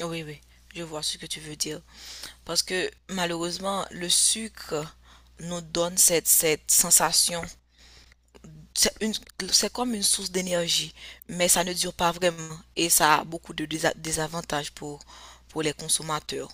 Oui, oui, je vois ce que tu veux dire. Parce que malheureusement, le sucre nous donne cette sensation. C'est une, c'est comme une source d'énergie, mais ça ne dure pas vraiment et ça a beaucoup de désavantages pour les consommateurs.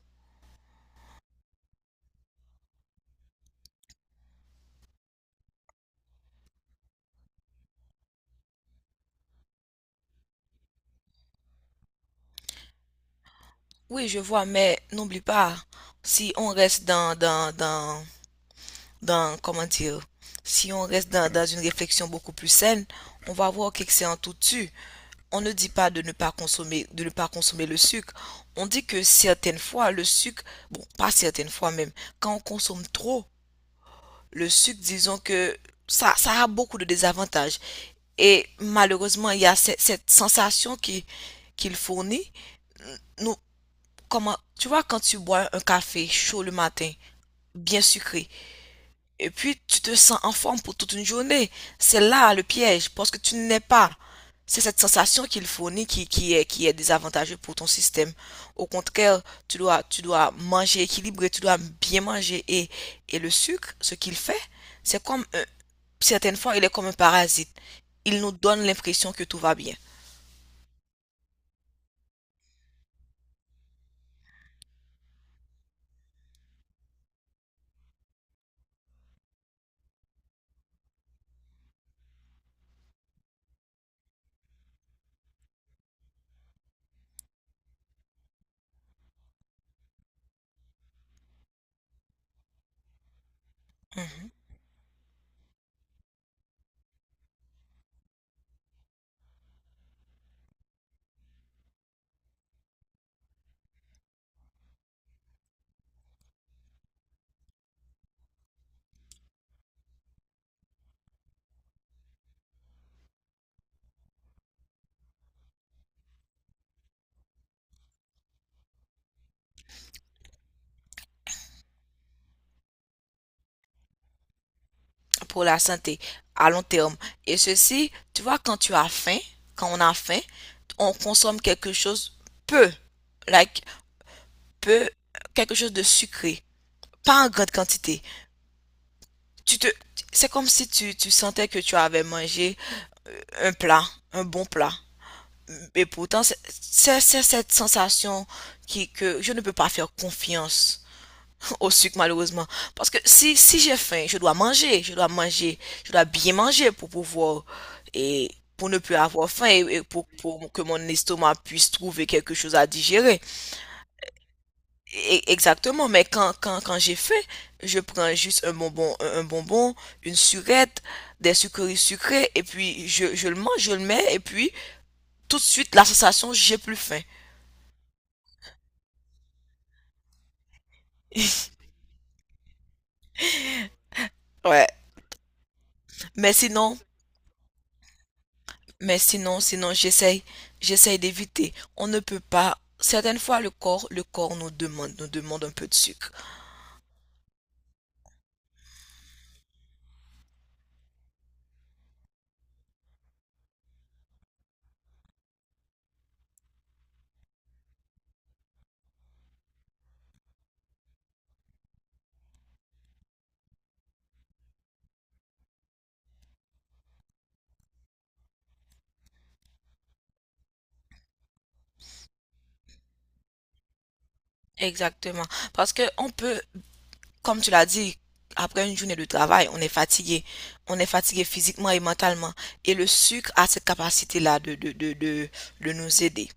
Oui, je vois, mais n'oublie pas, si on reste dans, comment dire, si on reste dans une réflexion beaucoup plus saine, on va voir qu'excès en tout tue. On ne dit pas de ne pas consommer, de ne pas consommer le sucre. On dit que certaines fois, le sucre, bon, pas certaines fois même, quand on consomme trop le sucre, disons que ça a beaucoup de désavantages. Et malheureusement, il y a cette sensation qu'il fournit. Nous, comment, tu vois, quand tu bois un café chaud le matin, bien sucré, et puis, tu te sens en forme pour toute une journée. C'est là le piège, parce que tu n'es pas. C'est cette sensation qu'il fournit qui est désavantageuse pour ton système. Au contraire, tu dois manger équilibré, tu dois bien manger. Et le sucre, ce qu'il fait, c'est certaines fois, il est comme un parasite. Il nous donne l'impression que tout va bien. Mhm. Pour la santé, à long terme. Et ceci, tu vois, quand tu as faim, quand on a faim, on consomme quelque chose peu. Like, peu quelque chose de sucré, pas en grande quantité. Tu te, c'est comme si tu sentais que tu avais mangé un plat, un bon plat. Et pourtant, c'est cette sensation que je ne peux pas faire confiance au sucre, malheureusement. Parce que si j'ai faim, je dois manger, je dois bien manger et pour ne plus avoir faim et pour que mon estomac puisse trouver quelque chose à digérer. Exactement, mais quand j'ai faim, je prends juste un bonbon, un bonbon, une surette, des sucreries sucrées, et puis je le mange, je le mets, et puis tout de suite, la sensation, j'ai plus faim. Ouais. Mais sinon, sinon, j'essaye d'éviter. On ne peut pas. Certaines fois, le corps nous demande un peu de sucre. Exactement. Parce que on peut, comme tu l'as dit, après une journée de travail, on est fatigué. On est fatigué physiquement et mentalement. Et le sucre a cette capacité-là de nous aider.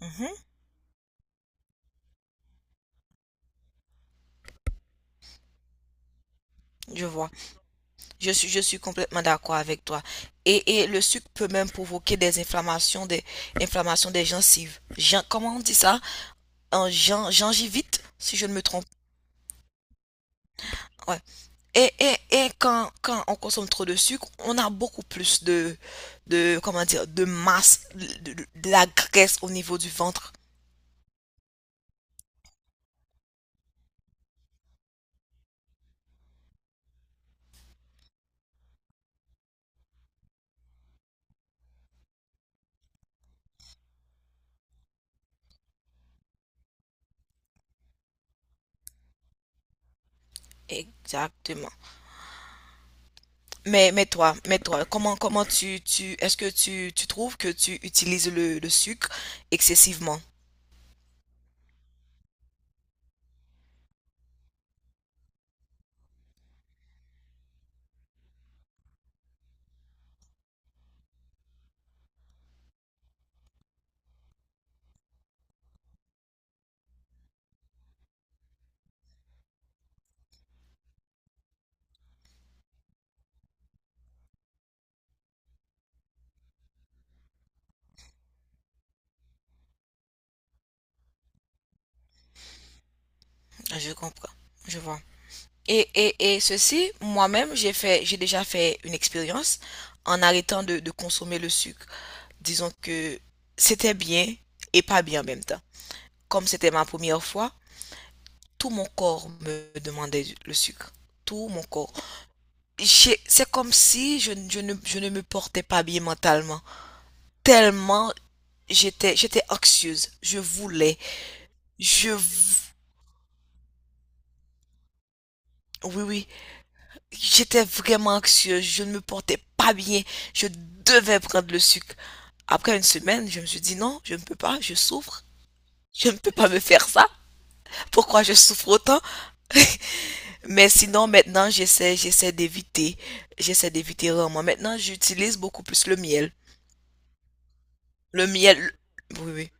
Mhm, je vois. Je suis complètement d'accord avec toi. Et le sucre peut même provoquer des inflammations des gencives. Comment on dit ça? Un gingivite, si je ne me trompe. Ouais. Quand on consomme trop de sucre, on a beaucoup plus de comment dire, de masse, de la graisse au niveau du ventre. Exactement. Mais toi, comment est-ce que tu trouves que tu utilises le sucre excessivement? Je comprends. Je vois. Et ceci, moi-même, j'ai déjà fait une expérience en arrêtant de consommer le sucre. Disons que c'était bien et pas bien en même temps. Comme c'était ma première fois, tout mon corps me demandait le sucre. Tout mon corps. C'est comme si je ne me portais pas bien mentalement. Tellement j'étais anxieuse. Je voulais. Je, oui, oui. J'étais vraiment anxieuse. Je ne me portais pas bien. Je devais prendre le sucre. Après une semaine, je me suis dit non, je ne peux pas. Je souffre. Je ne peux pas me faire ça. Pourquoi je souffre autant? Mais sinon, maintenant, j'essaie d'éviter rarement. Maintenant, j'utilise beaucoup plus le miel. Le miel, oui, oui.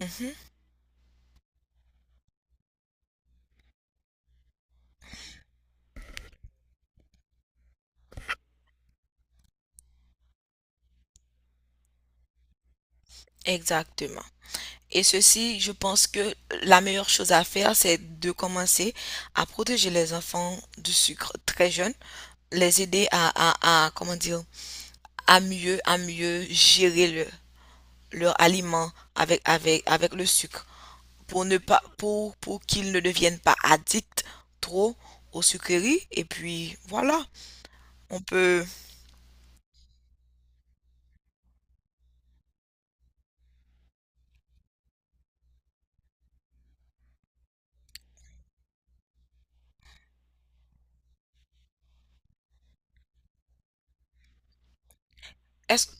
Mhm, exactement. Et ceci, je pense que la meilleure chose à faire, c'est de commencer à protéger les enfants du sucre très jeunes, les aider à, comment dire, à mieux gérer leur aliment avec le sucre pour qu'ils ne deviennent pas addicts trop aux sucreries et puis voilà on peut est-ce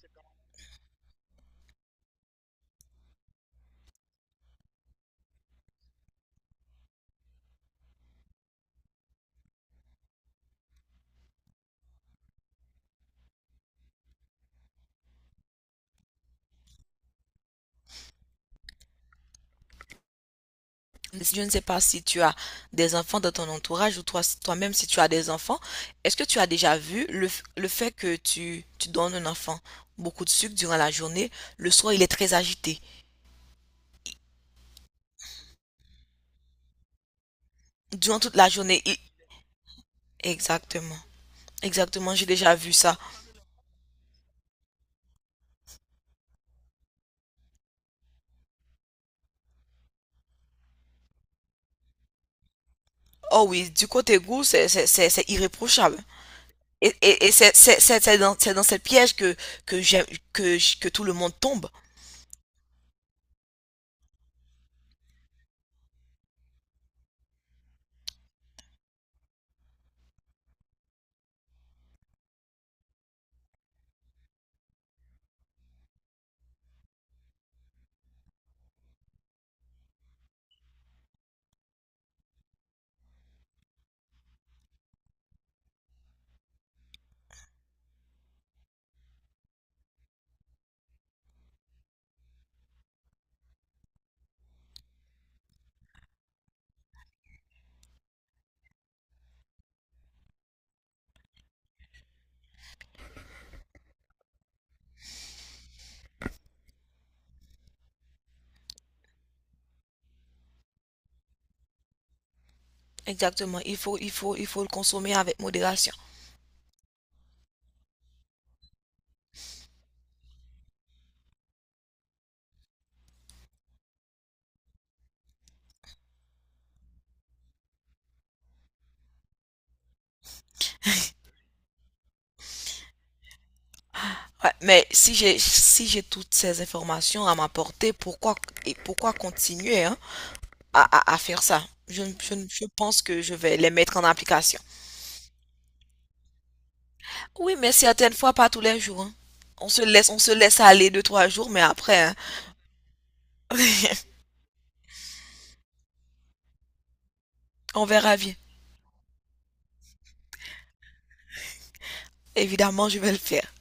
je ne sais pas si tu as des enfants dans ton entourage ou toi toi-même si tu as des enfants, est-ce que tu as déjà vu le fait que tu donnes un enfant beaucoup de sucre durant la journée, le soir il est très agité durant toute la Exactement, exactement, j'ai déjà vu ça. Oh oui, du côté goût c'est irréprochable. C'est dans cette piège que, que, j'aime- que tout le monde tombe. Exactement. Il faut le consommer avec modération. Ouais, mais si j'ai toutes ces informations à m'apporter, pourquoi continuer, hein, à faire ça? Je, ne- je, ne- Je pense que je vais les mettre en application. Oui, mais certaines fois, pas tous les jours, hein. On se laisse aller 2, 3 jours, mais après, hein, on verra bien. Évidemment, je vais le faire.